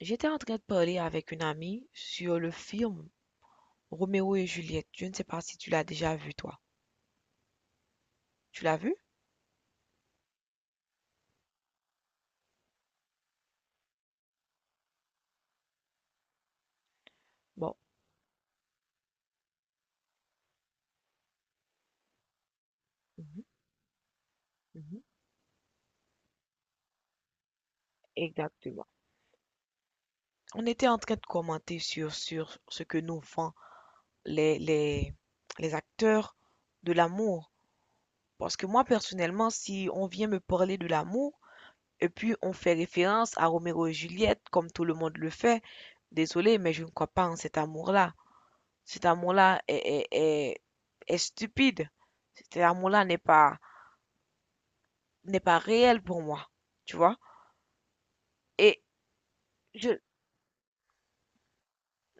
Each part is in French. J'étais en train de parler avec une amie sur le film Roméo et Juliette. Je ne sais pas si tu l'as déjà vu, toi. Tu l'as vu? Bon. Mhm, mhm. Exactement. On était en train de commenter sur ce que nous font les, les, les acteurs de l'amour. Parce que moi, personnellement, si on vient me parler de l'amour, et puis on fait référence à Roméo et Juliette, comme tout le monde le fait, désolé, mais je ne crois pas en cet amour-là. Cet amour-là est stupide. Cet amour-là n'est pas réel pour moi. Tu vois? Et je,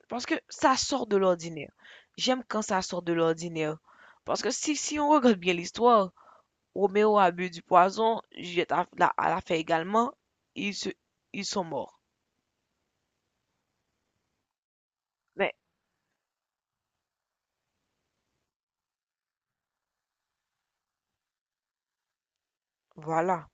parce que ça sort de l'ordinaire. J'aime quand ça sort de l'ordinaire. Parce que si on regarde bien l'histoire, Roméo a bu du poison, Juliette l'a fait également, ils, se, ils sont morts. Mais voilà,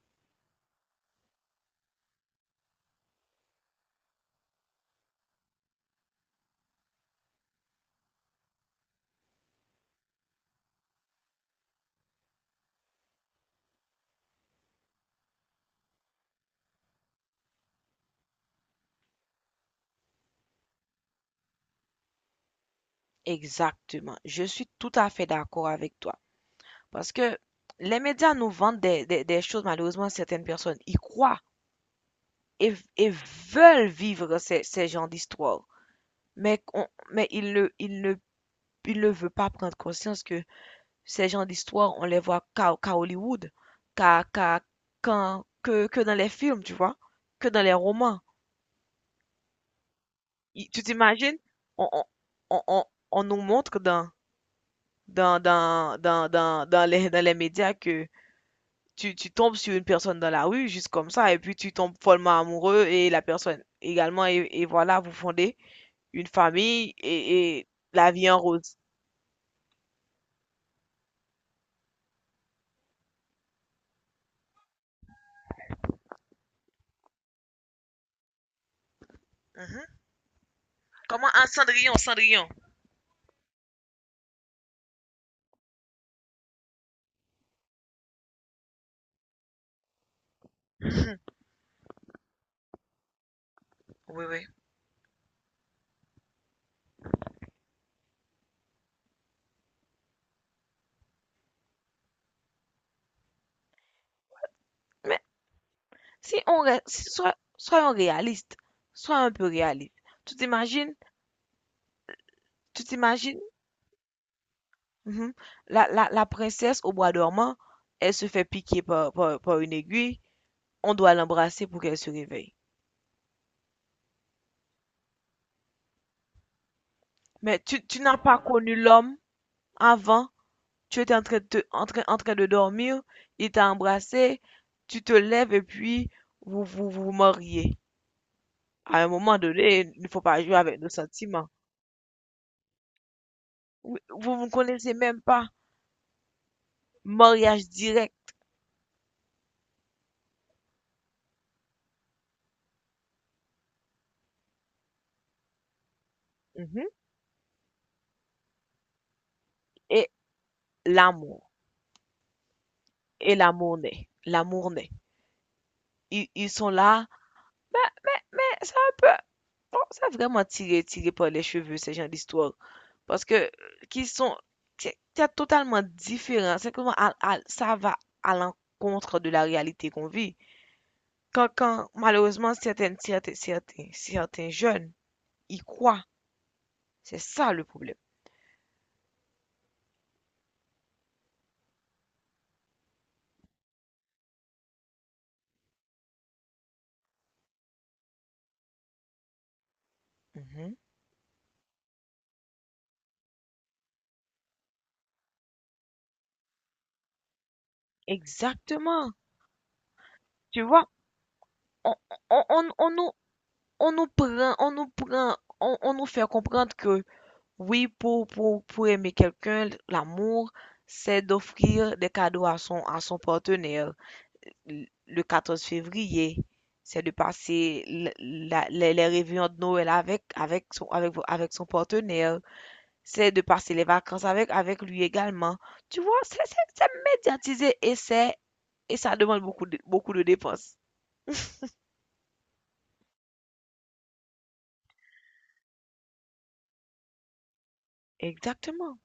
exactement. Je suis tout à fait d'accord avec toi. Parce que les médias nous vendent des choses. Malheureusement, certaines personnes y croient, et veulent vivre ces genres d'histoires. Mais ils ne veulent pas prendre conscience que ces genres d'histoires, on les voit qu'à Hollywood, qu'à, qu'à- que dans les films, tu vois, que dans les romans. Tu t'imagines? On, on, on, on- on nous montre dans les médias que tu tombes sur une personne dans la rue, juste comme ça, et puis tu tombes follement amoureux et la personne également, et voilà, vous fondez une famille et la vie en rose. Mhm. Comment un Cendrillon, Cendrillon. Oui, oui. Mais Si on reste, si- soit, soyons réalistes, sois un peu réaliste. Tu t'imagines, tu t'imagines, mhm, la princesse au bois dormant, elle se fait piquer par une aiguille, on doit l'embrasser pour qu'elle se réveille. Mais tu n'as pas connu l'homme avant, tu étais en train en train de dormir, il t'a embrassé, tu te lèves et puis vous vous mariez. À un moment donné, il ne faut pas jouer avec nos sentiments. Oui, vous vous ne connaissez même pas. Mariage direct. Mhm. Et l'amour. Et l'amour naît. L'amour naît. Ils sont là. Mais, mais ça peut... Bon, ça a vraiment tiré, tiré par les cheveux, ces gens d'histoire. Parce que, qu'ils sont... C'est totalement différent. C'est comment ça va à l'encontre de la réalité qu'on vit. Quand malheureusement, certains jeunes y croient, c'est ça le problème. Mhm. Exactement. Tu vois, on, on, on, on nous, on nous prend, on nous fait comprendre que oui, pour aimer quelqu'un, l'amour, c'est d'offrir des cadeaux à son partenaire. Le 14 février, c'est de passer les réveillons de Noël avec, avec son, avec son partenaire. C'est de passer les vacances avec, avec lui également. Tu vois, c'est médiatisé et et ça demande beaucoup de dépenses. Exactement.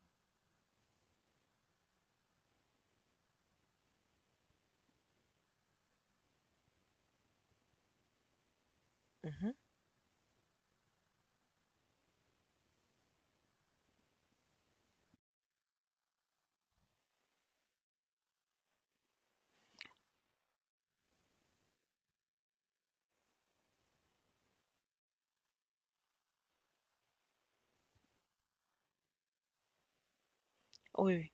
Mhm. Oui, oui,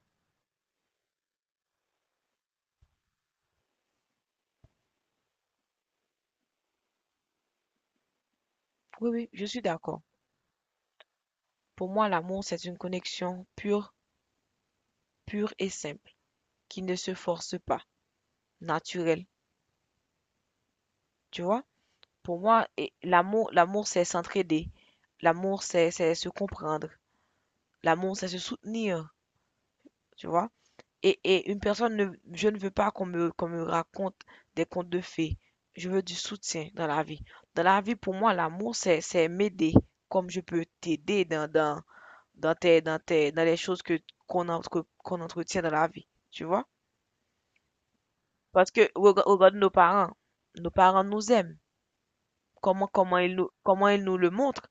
oui, je suis d'accord. Pour moi, l'amour, c'est une connexion pure, pure et simple, qui ne se force pas, naturelle. Tu vois? Pour moi, l'amour, c'est s'entraider. L'amour, c'est se comprendre. L'amour, c'est se soutenir. Tu vois? Et une personne ne, je ne veux pas qu'on me raconte des contes de fées. Je veux du soutien dans la vie. Dans la vie, pour moi, l'amour, c'est m'aider, comme je peux t'aider dans les choses que qu'on entretient dans la vie, tu vois? Parce que regarde nos parents nous aiment. Comment ils nous le montrent?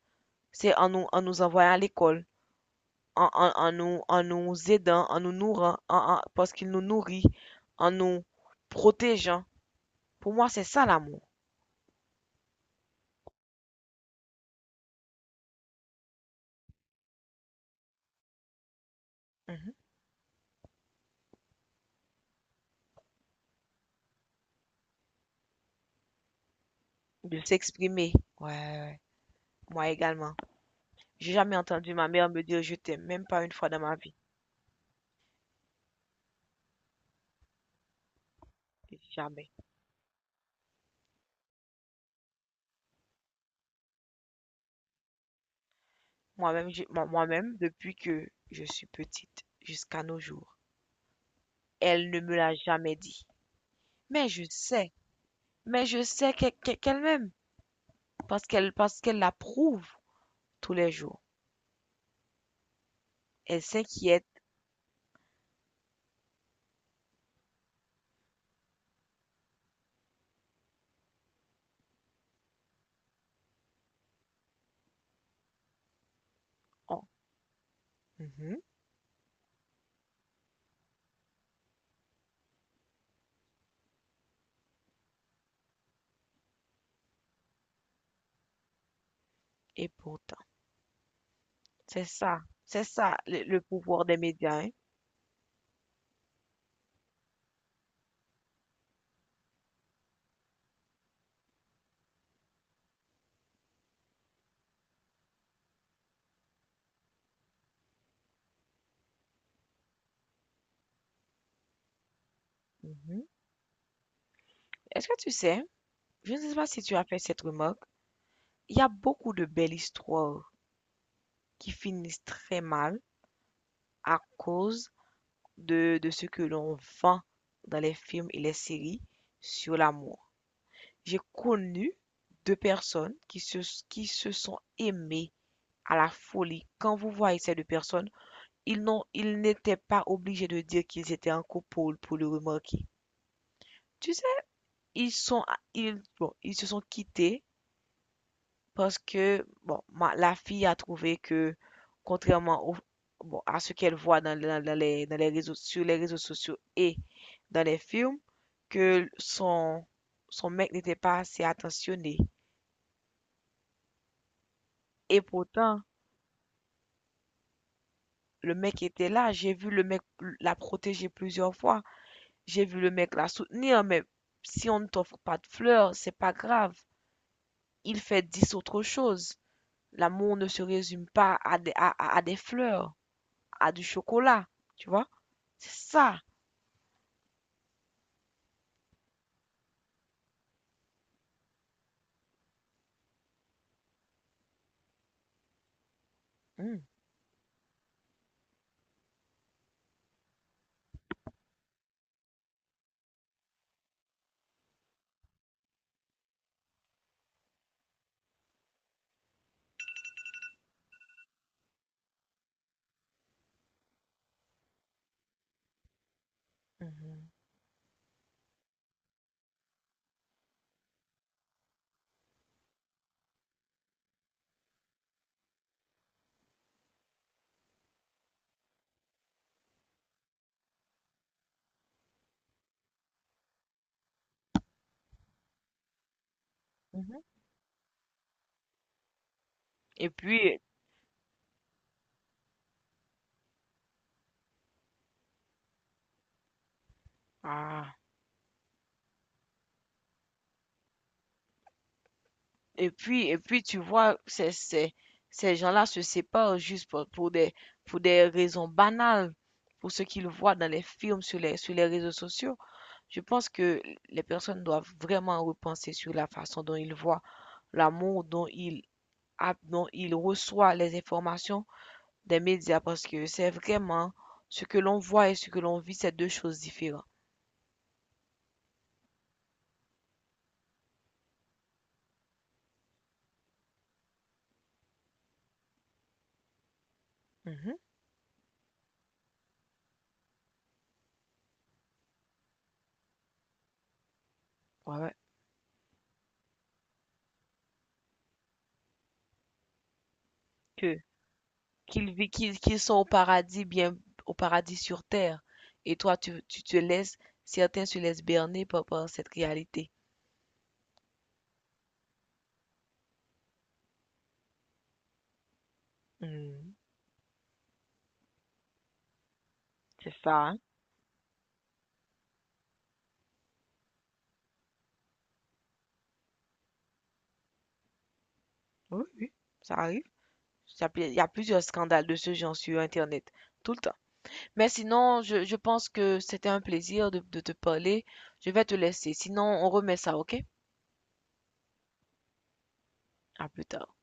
C'est en nous envoyant à l'école, en nous aidant, en nous nourrant, parce qu'ils nous nourrissent, en nous protégeant. Pour moi, c'est ça l'amour. Mhm. De s'exprimer. Ouais, ouais, ouais. Moi également. J'ai jamais entendu ma mère me dire je t'aime, même pas une fois dans ma vie. Jamais. Moi-même, moi-même, depuis que je suis petite jusqu'à nos jours, elle ne me l'a jamais dit. Mais je sais, mais je sais qu'elle m'aime, parce qu'elle l'approuve tous les jours. Elle s'inquiète. Oh, mhm. Et pourtant, c'est ça le pouvoir des médias, hein. Mhm. Est-ce que tu sais? Je ne sais pas si tu as fait cette remarque. Il y a beaucoup de belles histoires qui finissent très mal à cause de ce que l'on vend dans les films et les séries sur l'amour. J'ai connu deux personnes qui se sont aimées à la folie. Quand vous voyez ces deux personnes, ils n'étaient pas obligés de dire qu'ils étaient en couple pour le remarquer. Tu sais, ils sont, ils, bon, ils se sont quittés parce que bon, la fille a trouvé que, contrairement au- bon, à ce qu'elle voit dans les réseaux, sur les réseaux sociaux et dans les films, que son, son mec n'était pas assez attentionné. Et pourtant, le mec était là, j'ai vu le mec la protéger plusieurs fois, j'ai vu le mec la soutenir, mais si on ne t'offre pas de fleurs, c'est pas grave. Il fait dix autres choses. L'amour ne se résume pas à des fleurs, à du chocolat, tu vois. C'est ça. Mmh. Mmh mh. Mmh. Et puis ah, et puis tu vois ces ces gens-là se séparent juste pour des raisons banales, pour ce qu'ils voient dans les films, sur les réseaux sociaux. Je pense que les personnes doivent vraiment repenser sur la façon dont ils voient l'amour, dont ils reçoivent les informations des médias parce que c'est vraiment ce que l'on voit et ce que l'on vit, c'est 2 choses différentes. Mmh. Ouais, ouais. Qu'ils sont au paradis, bien au paradis sur terre. Et toi, tu te laisses, certains se laissent berner par cette réalité. Mhm. C'est ça, hein? Oui, oui, ça arrive. Ça peut- Il y a plusieurs scandales de ce genre sur Internet, tout le temps. Mais sinon, je pense que c'était un plaisir de te parler. Je vais te laisser. Sinon, on remet ça, ok? À plus tard.